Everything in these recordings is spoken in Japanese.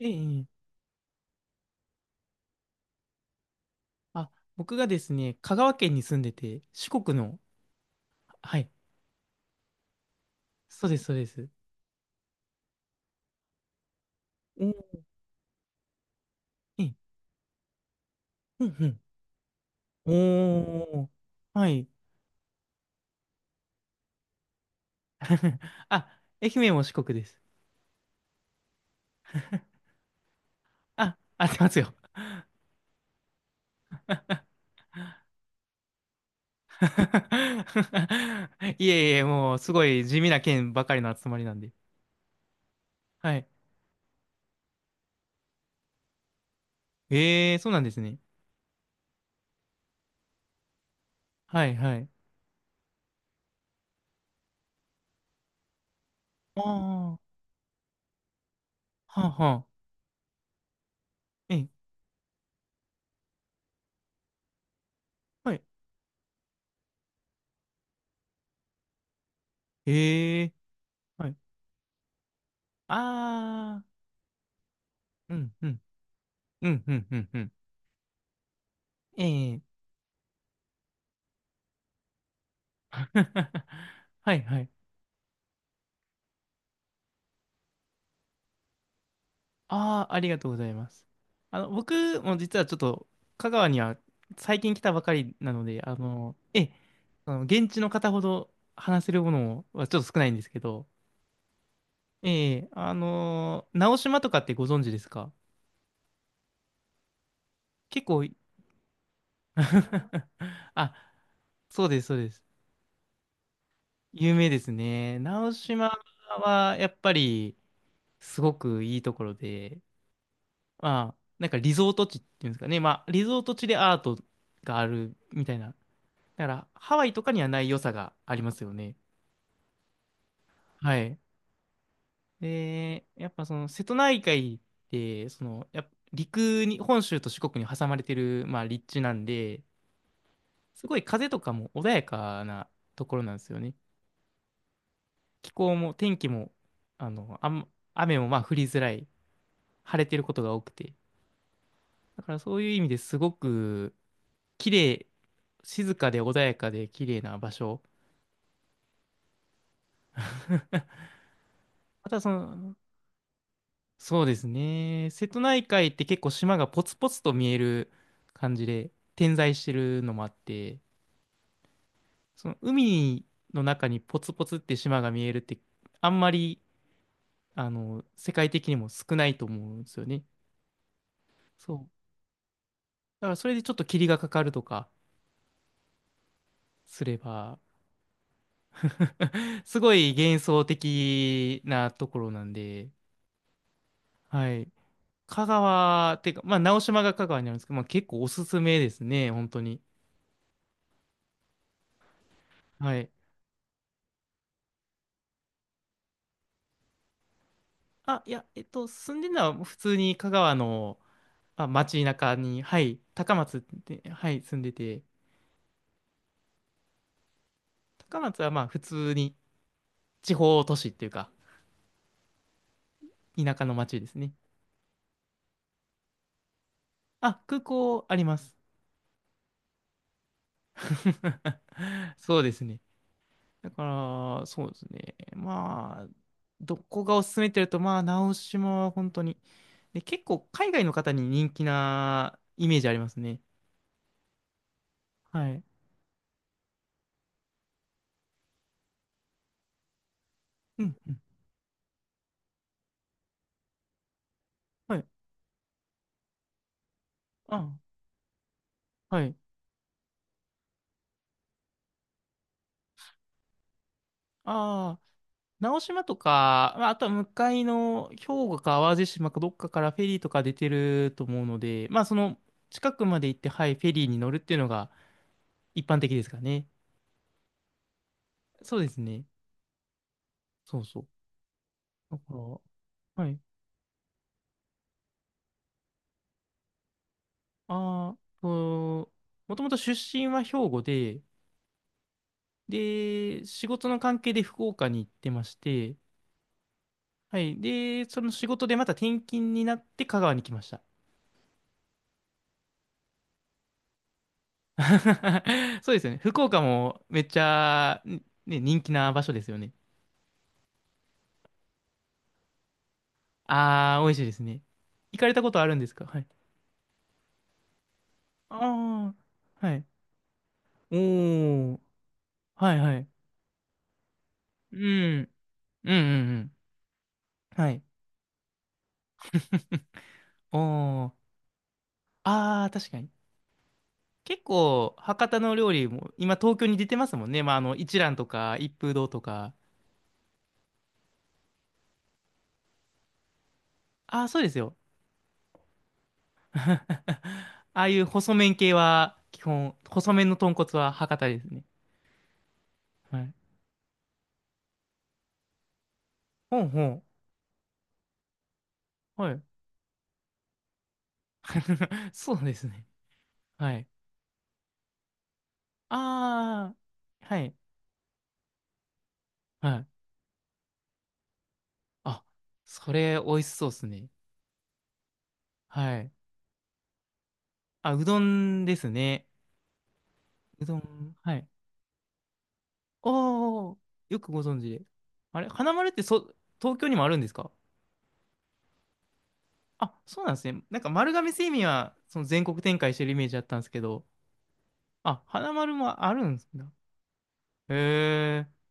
ええ、ええ。あ、僕がですね、香川県に住んでて、四国の、はい、そうです、そうです。おー。ええ、うんうん。おー、はい。あ、愛媛も四国です。あ、合ってますよ。いえいえ、もう、すごい地味な県ばかりの集まりなんで。はい。ええ、そうなんですね。はい、はい。ああ、はあ、はあ。ええ、はい。ええ、はい。ああ、うん、うん、うん、うん、うん、うん。ええ。 はいはい。ああ、ありがとうございます。僕も実はちょっと、香川には最近来たばかりなので、あの、ええ、現地の方ほど話せるものはちょっと少ないんですけど、ええ、直島とかってご存知ですか？結構、あ、そうです、そうです。有名ですね。直島はやっぱりすごくいいところで、まあ、なんかリゾート地っていうんですかね。まあ、リゾート地でアートがあるみたいな。だから、ハワイとかにはない良さがありますよね。はい。で、やっぱその瀬戸内海って、その、やっぱ陸に、本州と四国に挟まれてる、まあ、立地なんで、すごい風とかも穏やかなところなんですよね。気候も天気も、あの、あん、雨もまあ降りづらい、晴れてることが多くて。だからそういう意味ですごく、綺麗、静かで穏やかで綺麗な場所。またその、そうですね。瀬戸内海って結構島がポツポツと見える感じで点在してるのもあって、その海の中にポツポツって島が見えるってあんまり、世界的にも少ないと思うんですよね。そう。だからそれでちょっと霧がかかるとかすれば、すごい幻想的なところなんで、はい。香川、てか、まあ、直島が香川にあるんですけど、まあ、結構おすすめですね、本当に。はい。あ、いや、住んでるのは普通に香川の、まあ、街中に、はい、高松って、はい、住んでて、高松はまあ、普通に地方都市っていうか、田舎の街ですね。あ、空港あります。そうですね。だから、そうですね。まあ、どこがおすすめって言うと、まあ、直島は本当に。で、結構海外の方に人気なイメージありますね。はい。うん、うん。はい。あ、はい。ああ、直島とか、まあ、あとは向かいの兵庫か淡路島かどっかからフェリーとか出てると思うので、まあ、その近くまで行って、はい、フェリーに乗るっていうのが一般的ですかね。そうですね。そうそう。だから、はい。ああ、もともと出身は兵庫で、で、仕事の関係で福岡に行ってまして、はい。で、その仕事でまた転勤になって香川に来ました。そうですよね。福岡もめっちゃ、ね、人気な場所ですよね。ああ、美味しいですね。行かれたことあるんですか？はい。ああ、はい。おー、はいはい。うん、うんうんうん。はい。おー、ああ、確かに。結構、博多の料理も、今東京に出てますもんね。まあ、あの、一蘭とか、一風堂とか。ああ、そうですよ。ああいう細麺系は、基本、細麺の豚骨は博多ですね。はい。ほんほん。はい。そうですね。はい。ああ、はい。はい。あ、それ、美味しそうですね。はい。あ、うどんですね。うどん。はい。おー、よくご存知で。あれ、花丸ってそ、東京にもあるんですか？あ、そうなんですね。なんか丸亀製麺はその全国展開してるイメージだったんですけど、あ、花丸もあるんですね。へえ。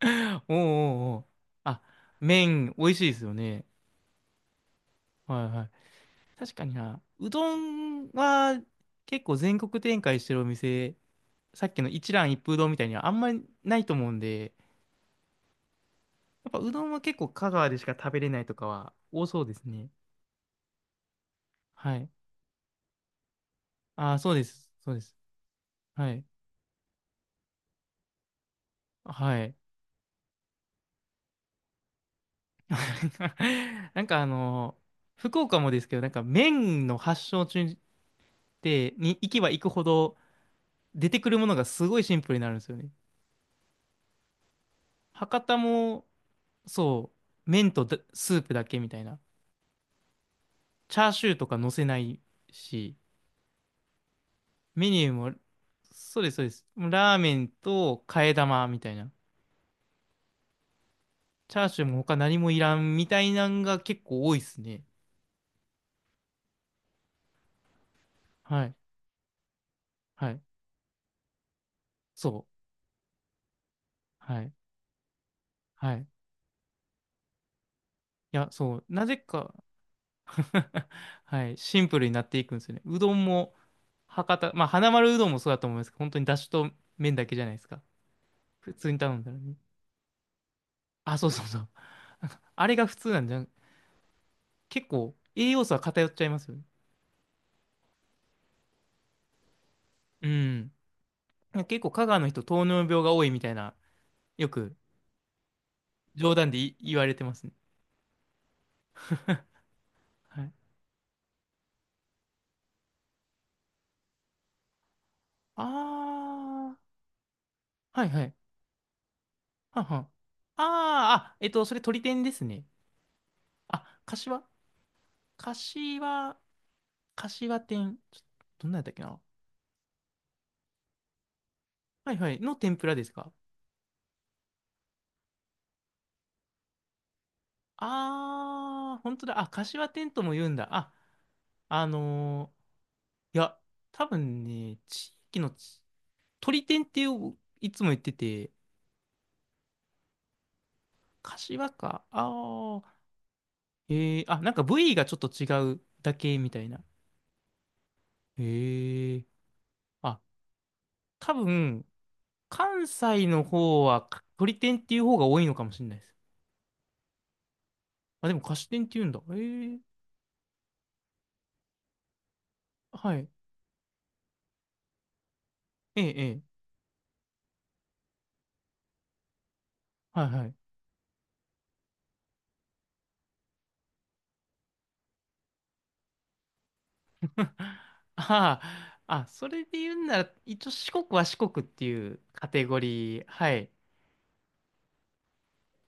おうおうおう。あ、麺美味しいですよね。はいはい。確かにな。うどんは結構全国展開してるお店、さっきの一蘭一風堂みたいにはあんまりないと思うんで、やっぱうどんは結構香川でしか食べれないとかは多そうですね。はい。あ、そうです。そうです。はい。はい。なんかあの、福岡もですけど、なんか麺の発祥地って、に行けば行くほど出てくるものがすごいシンプルになるんですよね。博多も、そう、麺とだスープだけみたいな。チャーシューとか乗せないし、メニューも、そうです、そうです。ラーメンと替え玉みたいな。チャーシューも他何もいらんみたいなんが結構多いですね。はい、はい、そう、はい、はい。いや、そう、なぜか、はい。シンプルになっていくんですよね。うどんも、博多、まあ、花丸うどんもそうだと思いますけど、本当にだしと麺だけじゃないですか。普通に頼んだらね。あ、そうそうそう。なんかあれが普通なんじゃん。結構、栄養素は偏っちゃいますよね。うん。結構、香川の人、糖尿病が多いみたいな、よく冗談で言われてますね。はい。あー、はいはい。はんはん。あー、それ鳥天ですね。あ、柏、柏店。どんなんやったっけな。はいはい。の天ぷらですか？あー、本当だ。あ、柏天とも言うんだ。あのいや、多分ね、地域のち、鳥天っていういつも言ってて、柏か。あー、えー、あ、なんか部位がちょっと違うだけみたいな。へえー、あ、多分、関西の方はか鳥天っていう方が多いのかもしれないです。あ、でも菓子天って言うんだ。へえー、はい。ええ、ええ、はいはい。ああ、あ、それで言うんなら、一応四国は四国っていうカテゴリー、はい。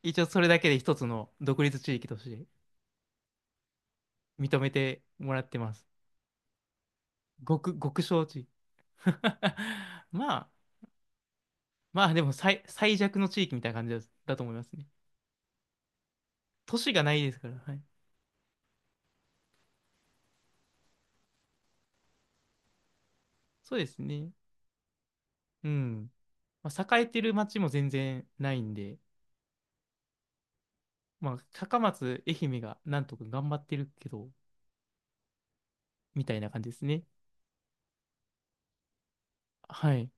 一応それだけで一つの独立地域として認めてもらってます。極小地。まあ、まあでも最弱の地域みたいな感じだと思いますね。都市がないですから、はい。そうですね。うん。まあ、栄えてる町も全然ないんで、まあ、高松、愛媛がなんとか頑張ってるけど、みたいな感じですね。はい。